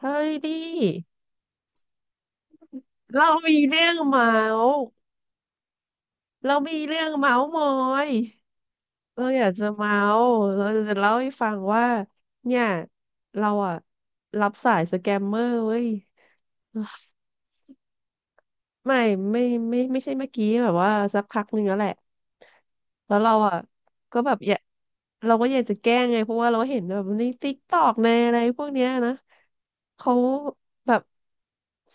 เฮ้ยดิเรามีเรื่องเมาส์เรามีเรื่องเมาส์มอยเราอยากจะเมาส์เราจะเล่าให้ฟังว่าเนี่ยเราอะรับสายสแกมเมอร์เว้ย ไม่ไม่ไม่ไม่ใช่เมื่อกี้แบบว่าสักพักหนึ่งแล้วแหละแล้วเราอ่ะก็แบบอยากเราก็อยากจะแกล้งไงเพราะว่าเราเห็นแบบในติ๊กตอกในอะไรพวกเนี้ยนะเขาแบบ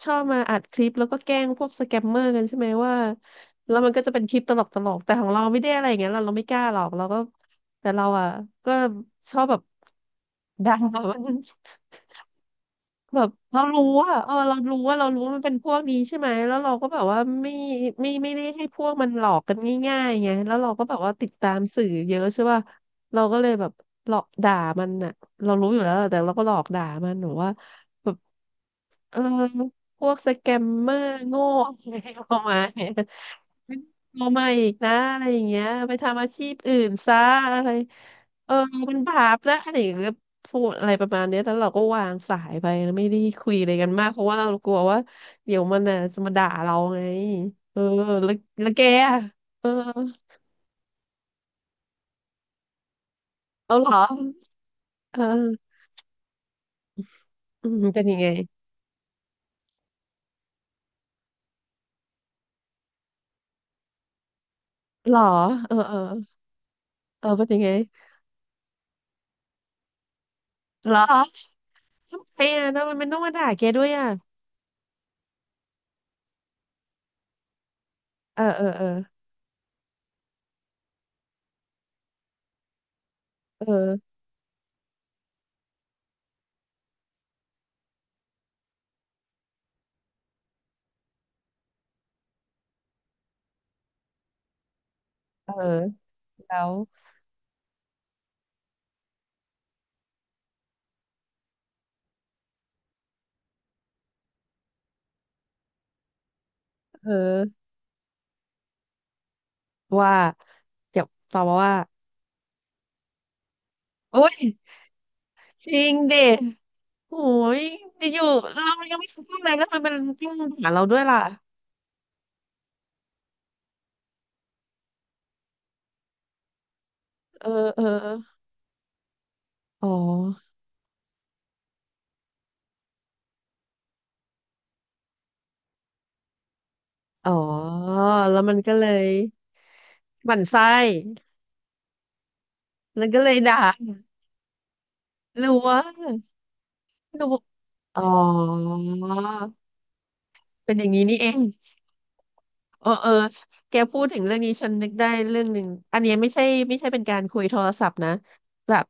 ชอบมาอัดคลิปแล้วก็แกล้งพวกสแกมเมอร์กันใช่ไหมว่าแล้วมันก็จะเป็นคลิปตลกตลกแต่ของเราไม่ได้อะไรอย่างเงี้ยเราไม่กล้าหรอกเราก็แต่เราอ่ะก็ชอบแบบ ด่ามัน แบบเรารู้อะเออเรารู้ว่าเรารู้ว่ามันเป็นพวกนี้ใช่ไหมแล้วเราก็แบบว่าไม่ไม่ได้ให้พวกมันหลอกกันง่ายๆไงแล้วเราก็แบบว่าติดตามสื่อเยอะใช่ป่ะเราก็เลยแบบหลอกด่ามันอะเรารู้อยู่แล้วแะแต่เราก็หลอกด่ามันหรืว่าแบบเออพวกสแกมเมอร์โง่อะไรประมาณเนี้ยเอามาอีกนะอะไรอย่างเงี้ยไปทำอาชีพอื่นซะอะไรเออมันบาปแล้วอะไรอย่างเงี้ย พูดอะไรประมาณเนี้ยแล้วเราก็วางสายไปแล้วไม่ได้คุยอะไรกันมากเพราะว่าเรากลัวว่าเดี๋ยวมันน่ะจะมาด่าเราไงเออแล้วแล้วแกอะเออเอาเหรอเอออืมเป็นยังไงเหรอเออเออเออเป็นยังไงเหรอทำไมอ่ะทำไมมันต้องมาด่าแกด้วยอ่ะเออเออเออเออเออแล้วเออว่าเดี๋ยวตอบมาว่าโอ๊ยจริงดิ โอ้ยอยู่ๆเรายังไม่คิดว่าอะไรแล้วมันเป็นจิ้งหาเราด้วยล่ะเออเอออ๋อ อ๋อแล้วมันก็เลยหมั่นไส้แล้วก็เลยด่าหรือว่าหรือว่าอ๋อเป็นอย่างนี้นี่เองเออเออแกพูดถึงเรื่องนี้ฉันนึกได้เรื่องหนึ่งอันเนี้ยไม่ใช่ไม่ใช่เป็นการคุยโทรศัพท์นะแบบ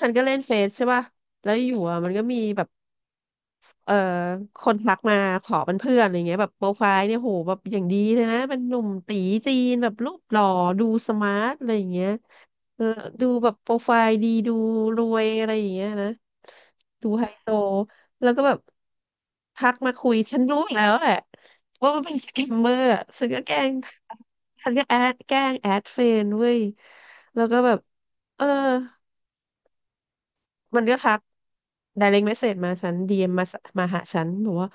ฉันก็เล่นเฟซใช่ป่ะแล้วอยู่อ่ะมันก็มีแบบ เอ่อคนทักมาขอเป็นเพื่อนอะไรเงี้ยแบบโปรไฟล์เนี่ยโหแบบอย่างดีเลยนะเป็นหนุ่มตีจีนแบบรูปหล่อดูสมาร์ทอะไรอย่างเงี้ยเออดูแบบโปรไฟล์ดีดูรวยอะไรอย่างเงี้ยนะดูไฮโซแล้วก็แบบทักมาคุยฉันรู้อยู่แล้วแหละว่ามันเป็นสแกมเมอร์อะฉันก็แกล้งฉันก็แอดแกล้งแอดเฟรนด์เว้ยแล้วก็แบบเออ มันก็ทัก direct message มาฉัน DM มมาสมาหาฉันบอกว่า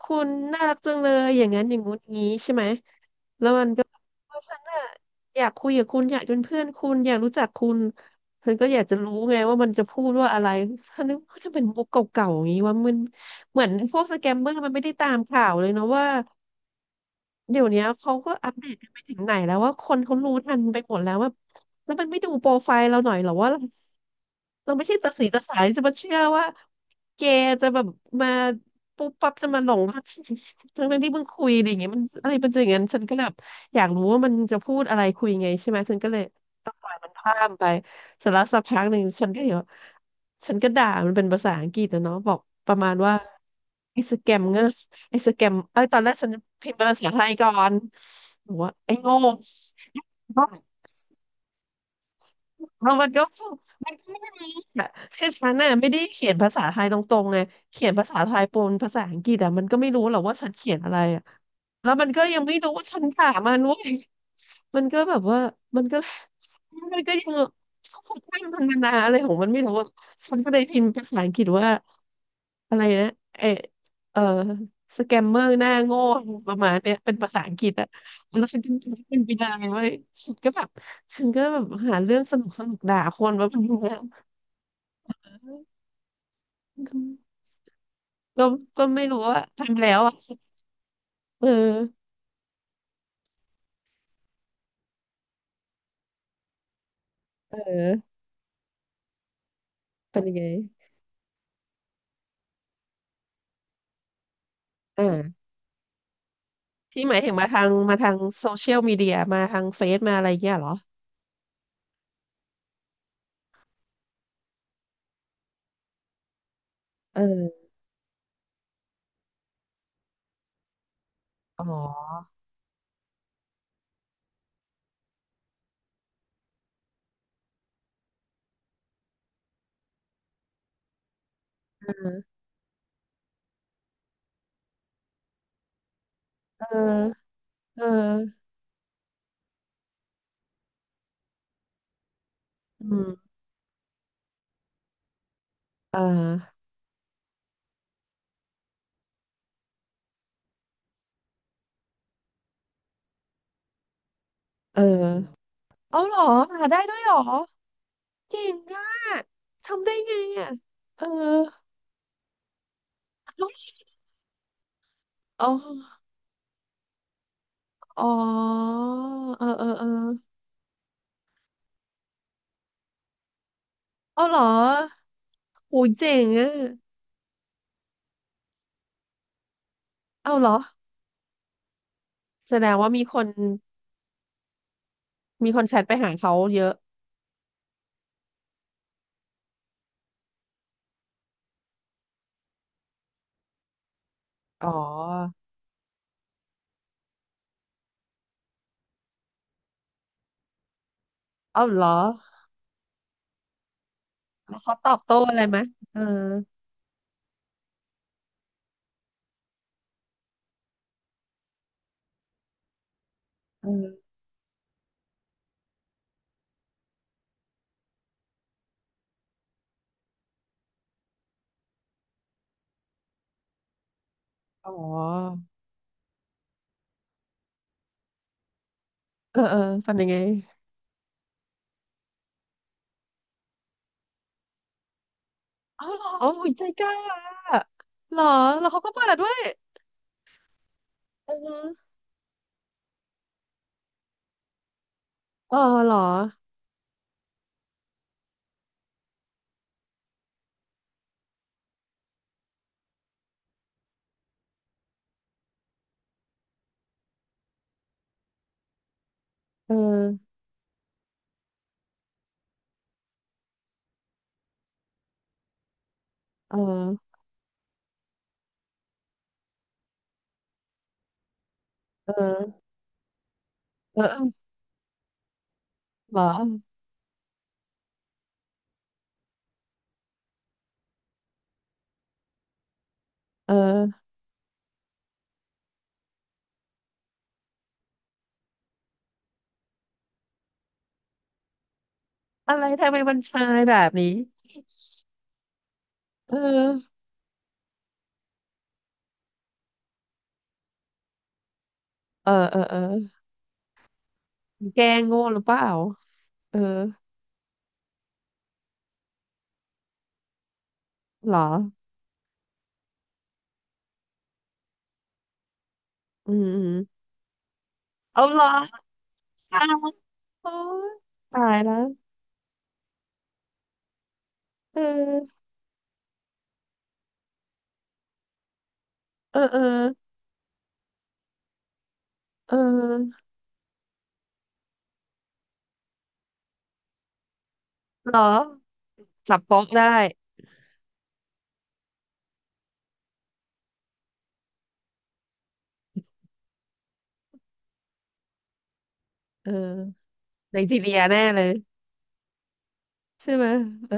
คุณน่ารักจังเลยอย่างนั้นอย่างงู้นอย่างงี้ใช่ไหมแล้วมันก็ว่าฉันอะอยากคุยกับคุณอยากเป็นเพื่อนคุณอยากรู้จักคุณฉันก็อยากจะรู้ไงว่ามันจะพูดว่าอะไรฉันนึกว่าจะเป็นมุกเก่าๆอย่างนี้ว่ามันเหมือนพวกสแกมเมอร์มันไม่ได้ตามข่าวเลยเนาะว่า เดี๋ยวเนี้ยเขาก็อัปเดตกันไปถึงไหนแล้วว่าคนเขารู้ทันไปหมดแล้วว่าแล้วมันไม่ดูโปรไฟล์เราหน่อยเหรอว่าเราไม่ใช่ตาสีตาสายจะมาเชื่อว่าแกจะแบบมาปุ๊บปั๊บจะมาหลงรัก ทั้งๆที่เพิ่งคุยอะไรอย่างเงี้ยมันอะไรเป็นอย่างนั้นฉันก็แบบอยากรู้ว่ามันจะพูดอะไรคุยไงใช่ไหมฉันก็เลยต้องปล่อยมันข้ามไปเสร็จแล้วสักพักหนึ่งฉันก็เห็นว่าฉันก็ด่ามันเป็นภาษาอังกฤษนะเนาะบอกประมาณว่าไอ้สแกมเงอร์ ไอ้สแกมเอ้ยตอนแรกฉันพิมพ์เป็นภาษาไทยก่อนบอกว่าไอ้โง่ เออมันก็ไม่รู้อะคือฉันน่ะไม่ได้เขียนภาษาไทยตรงๆไงเขียนภาษาไทยปนภาษาอังกฤษอะมันก็ไม่รู้หรอกว่าฉันเขียนอะไรอะแล้วมันก็ยังไม่รู้ว่าฉันถามมันเว้ยมันก็แบบว่ามันก็มันก็ยังเขาตั้งมันมานานอะไรของมันไม่รู้อะฉันก็เลยพิมพ์ภาษาอังกฤษว่าอะไรนะเออเออสแกมเมอร์หน้าโง่ประมาณเนี้ยเป็นภาษาอังกฤษอะแล้วฉันก็พิมพ์มันไปนานเว้ยฉันก็แบบ ฉันก็แบบหาเรื่องสนุกสนุกด่าคนแบบนี้ยก็ก็ไม่รู้ว่าทำแล้วอ่ะเออเออเป็นยังไงอ่าที่หมายถึงมาทางโซเชียลมีเดียมาทางเฟซมาอะไรเงี้ยเหรอเอออ๋อเออเอออืมอ่าเออเอาเหรอหาได้ด้วยเหรอเจ๋งอ่ะทำได้ไงอ่ะเออออ๋ออ๋อเออเออเออ เอาเหรออุ้ยเจ๋งอะเอาเหรอ แสดงว่ามีคนมีคนแชทไปหาเขาเยอะอ๋อเอาเหรอแล้วเขาตอบโต้อะไรไหมเออเอออ๋อเออ เออฟันยังไงเอาเหรอโอ้ยใจกล้าอะเหรอแล้วเขาก็เปิดด้วยอือฮึเออเหรอเออเออเออเออเออเหรอ เอออะไรทำไมมันชายแบบนี้เออเออเออเออแกล้งโง่หรือเปล่าเออ เหรออืมอืมเอาเหรออ้าวโอ๊ยตายแล้วเออเออเออเออจับโป๊กได้เออไนจีเรียแน่เลยใช่ไหมเออ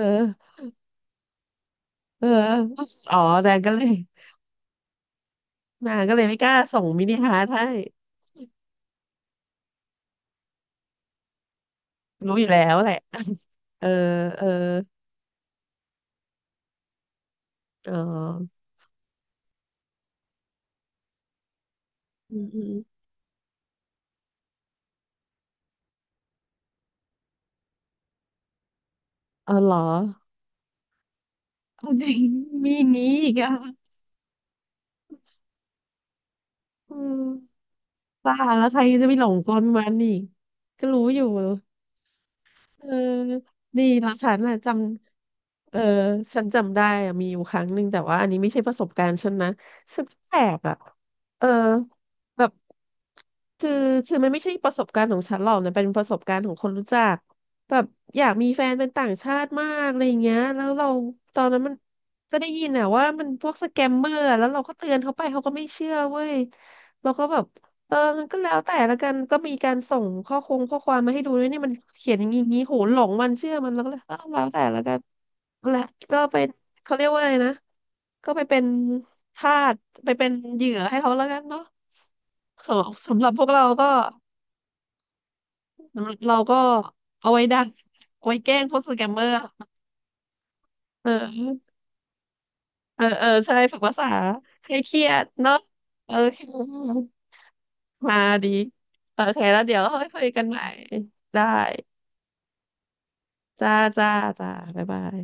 เอออ๋อแดนก็เลยนางก็เลยไม่กล้าส่งมินิฮาร์ทให้รู้อยู่แล้วแหละ เออเอออ๋ออืมอืมอ๋อเหรอเอาจริงมีอย่างนี้อีกอ่ะอืมบ้าแล้วใครจะไปหลงกลมันอีกก็รู้อยู่ เออดีนะฉันน่ะจำเออฉันจำได้อะมีอยู่ครั้งหนึ่งแต่ว่าอันนี้ไม่ใช่ประสบการณ์ฉันนะฉันแอบอ่ะเออแบบคือคือมันไม่ใช่ประสบการณ์ของฉันหรอกนะเป็นประสบการณ์ของคนรู้จักแบบอยากมีแฟนเป็นต่างชาติมากอะไรอย่างเงี้ยแล้วเราตอนนั้นมันก็ได้ยินอ่ะว่ามันพวกสแกมเมอร์อะแล้วเราก็เตือนเขาไปเขาก็ไม่เชื่อเว้ยเราก็แบบ เออมันก็แล้วแต่ละกันก็มีการส่งข้อคงข้อความมาให้ดูด้วยนี่มันเขียนอย่างนี้อย่างนี้โหหลงมันเชื่อมันแล้วก็เลยเออแล้วแต่ละกันและก็เป็นเขาเรียกว่าอะไรนะก็ไปเป็นทาสไปเป็นเหยื่อให้เขาแล้วกันเนาะสำหรับพวกเราก็เราก็เอาไว้ดักเอาไว้แกล้งพวกสแกมเมอร์เออเออเออใช่ฝึกภาษาให้เครียดเนาะโอเคมาดีโอเคแล้วเดี๋ยวค่อยคุยกันใหม่ได้ จ้าจ้าจ้าบ๊ายบาย